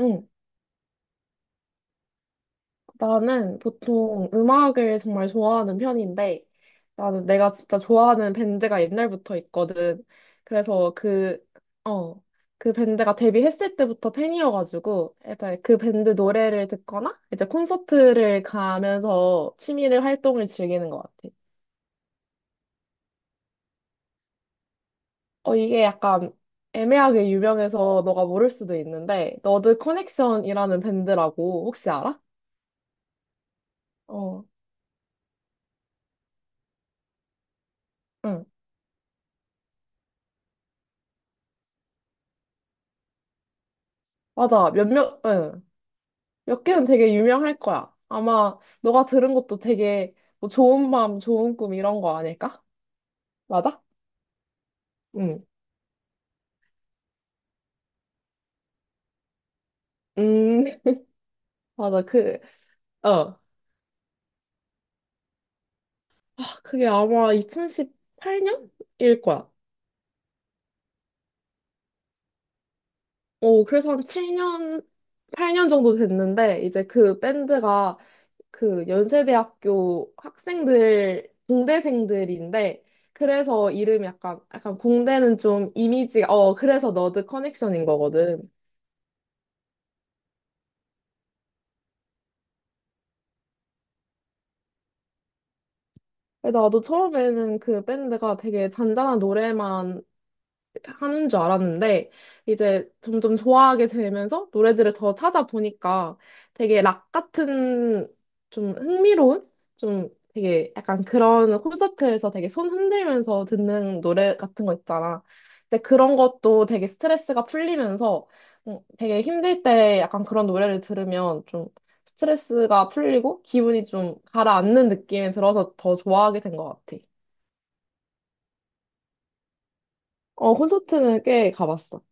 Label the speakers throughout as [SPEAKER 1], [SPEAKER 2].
[SPEAKER 1] 응, 나는 보통 음악을 정말 좋아하는 편인데, 나는 내가 진짜 좋아하는 밴드가 옛날부터 있거든. 그래서 어, 그 밴드가 데뷔했을 때부터 팬이어가지고, 일단 그 밴드 노래를 듣거나, 이제 콘서트를 가면서 취미를 활동을 즐기는 것 같아. 이게 약간 애매하게 유명해서 너가 모를 수도 있는데, 너드 커넥션이라는 밴드라고 혹시 알아? 어, 응. 맞아. 몇몇, 응. 몇 개는 되게 유명할 거야. 아마 너가 들은 것도 되게 뭐 좋은 밤, 좋은 꿈 이런 거 아닐까? 맞아? 응. 음, 맞아. 어. 아, 그게 아마 2018년일 거야. 그래서 한 7년, 8년 정도 됐는데, 이제 그 밴드가 그 연세대학교 학생들, 공대생들인데, 그래서 이름이 약간, 약간 공대는 좀 이미지가, 그래서 너드 커넥션인 거거든. 나도 처음에는 그 밴드가 되게 잔잔한 노래만 하는 줄 알았는데 이제 점점 좋아하게 되면서 노래들을 더 찾아보니까 되게 락 같은 좀 흥미로운 좀 되게 약간 그런 콘서트에서 되게 손 흔들면서 듣는 노래 같은 거 있잖아. 근데 그런 것도 되게 스트레스가 풀리면서 되게 힘들 때 약간 그런 노래를 들으면 좀 스트레스가 풀리고 기분이 좀 가라앉는 느낌이 들어서 더 좋아하게 된 것 같아. 어, 콘서트는 꽤 가봤어.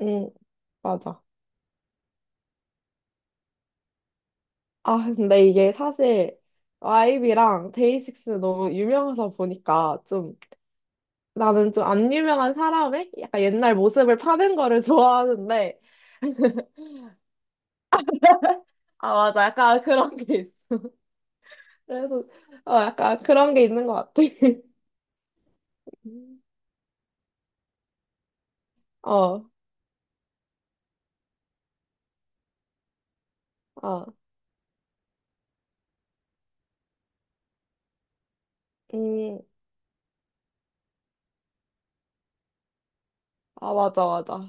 [SPEAKER 1] 응, 맞아. 아, 근데 이게 사실 YB랑 데이식스 너무 유명해서 보니까 좀 나는 좀 안 유명한 사람의 약간 옛날 모습을 파는 거를 좋아하는데 아, 맞아. 약간 그런 게 있어. 그래서 약간 그런 게 있는 것 같아. 어, 어, 음, 아, 맞아, 맞아.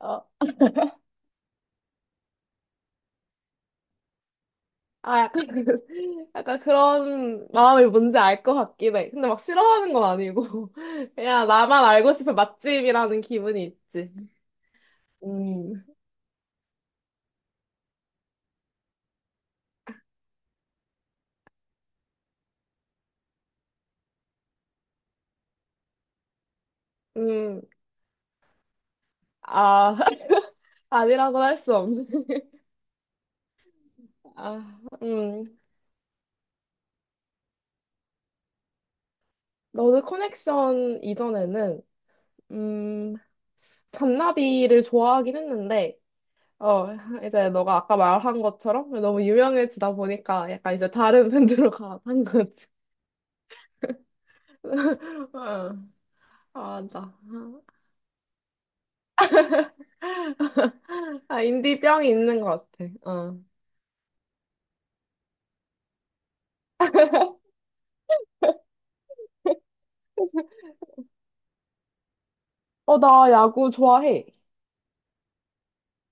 [SPEAKER 1] 어, 아, 약간, 약간 그런 마음이 뭔지 알 것 같긴 해. 근데 막 싫어하는 건 아니고, 그냥 나만 알고 싶은 맛집이라는 기분이 있지. 음. 음, 아, 아니라고는 할 수 없는. 아, 너드 커넥션 이전에는, 음, 잔나비를 좋아하긴 했는데, 어, 이제 너가 아까 말한 것처럼 너무 유명해지다 보니까 약간 이제 다른 밴드로 가한 거지. 어, 맞아. 아, 인디병이 있는 것 같아. 어. 어, 나 야구 좋아해.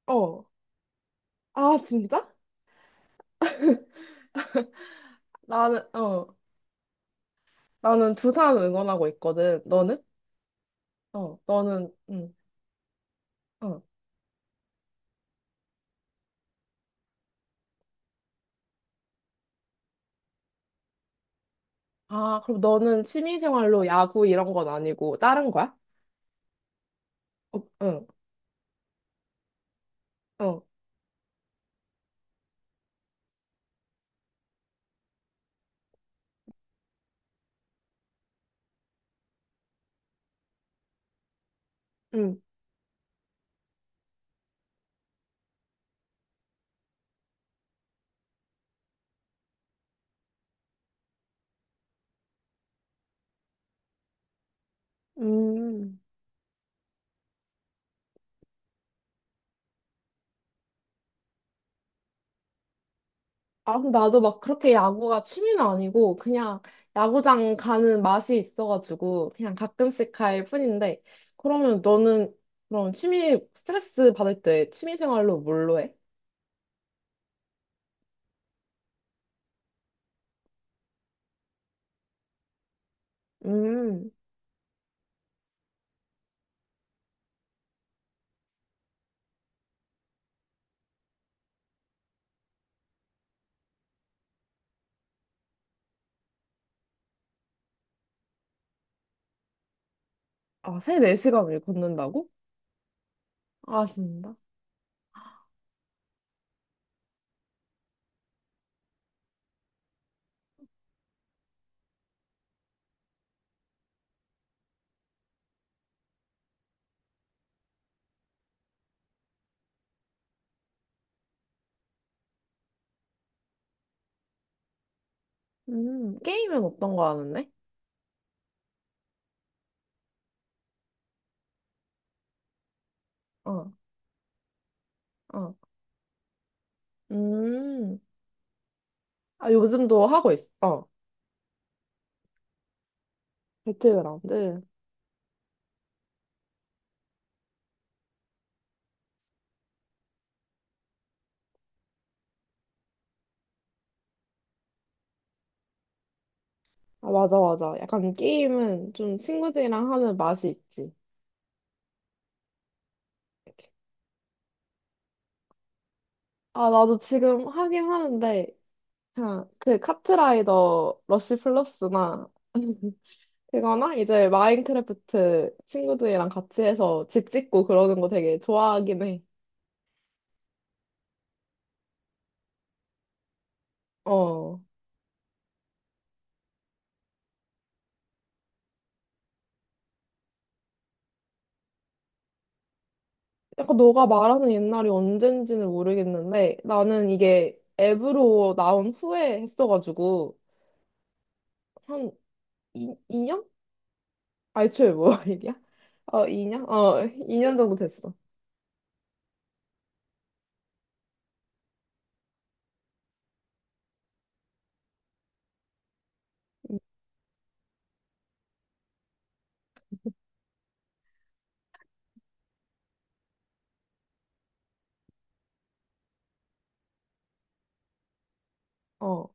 [SPEAKER 1] 어. 아, 진짜? 나는, 어. 나는 두산 응원하고 있거든. 너는? 어, 너는, 응, 어. 아, 그럼 너는 취미생활로 야구 이런 건 아니고 다른 거야? 어, 응, 어, 응, 음. 아, 그럼 나도 막 그렇게 야구가 취미는 아니고 그냥 야구장 가는 맛이 있어가지고 그냥 가끔씩 갈 뿐인데 그러면 너는 그럼 취미, 스트레스 받을 때 취미생활로 뭘로 해? 음. 아, 3, 4시간을 걷는다고? 아, 진짜? 게임은 어떤 거 하는데? 어. 어. 음. 아, 요즘도 하고 있어. 어. 배틀그라운드. 아, 맞아, 맞아. 약간 게임은 좀 친구들이랑 하는 맛이 있지. 아, 나도 지금 하긴 하는데, 그냥 그 카트라이더 러쉬 플러스나, 그거나 이제 마인크래프트 친구들이랑 같이 해서 집 짓고 그러는 거 되게 좋아하긴 해. 어. 약간 너가 말하는 옛날이 언젠지는 모르겠는데, 나는 이게 앱으로 나온 후에 했어가지고, 한 2년? 아, 애초에 뭐 일이야? 어, 2년? 어, 2년 정도 됐어. 어.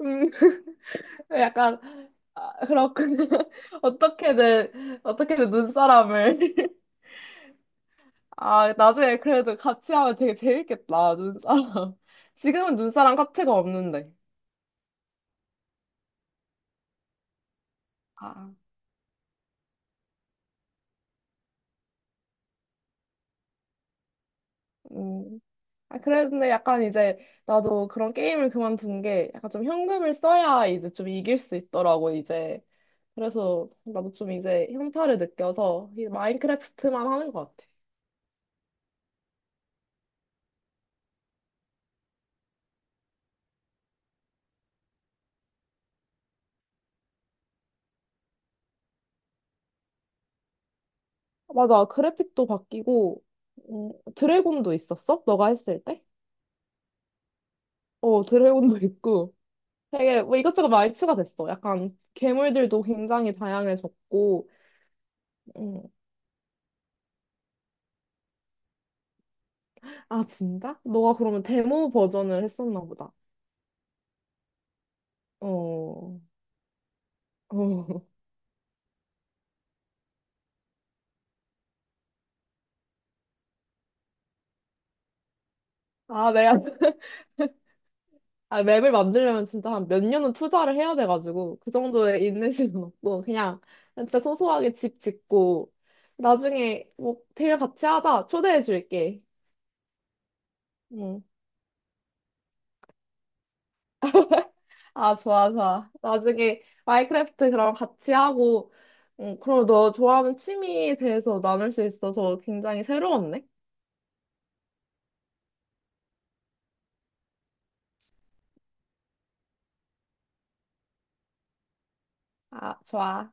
[SPEAKER 1] 음, 약간, 아, 그렇군요. 어떻게든, 어떻게든 눈사람을. 아, 나중에 그래도 같이 하면 되게 재밌겠다, 눈사람. 지금은 눈사람 카트가 없는데. 아, 음. 아, 그랬는데 약간 이제 나도 그런 게임을 그만둔 게 약간 좀 현금을 써야 이제 좀 이길 수 있더라고, 이제. 그래서 나도 좀 이제 현타를 느껴서 이 마인크래프트만 하는 것 같아. 맞아, 그래픽도 바뀌고, 드래곤도 있었어? 너가 했을 때? 어, 드래곤도 있고. 되게 뭐 이것저것 많이 추가됐어. 약간 괴물들도 굉장히 다양해졌고. 음. 아, 진짜? 너가 그러면 데모 버전을 했었나 보다. 어. 어. 아, 맵을 만들려면 진짜 한 몇 년은 투자를 해야 돼가지고, 그 정도의 인내심은 없고, 그냥 진짜 소소하게 집 짓고, 나중에 뭐, 대회 같이 하자. 초대해 줄게. 응. 아, 좋아, 좋아. 나중에 마인크래프트 그럼 같이 하고, 응, 그럼 너 좋아하는 취미에 대해서 나눌 수 있어서 굉장히 새로웠네. 아, 좋아.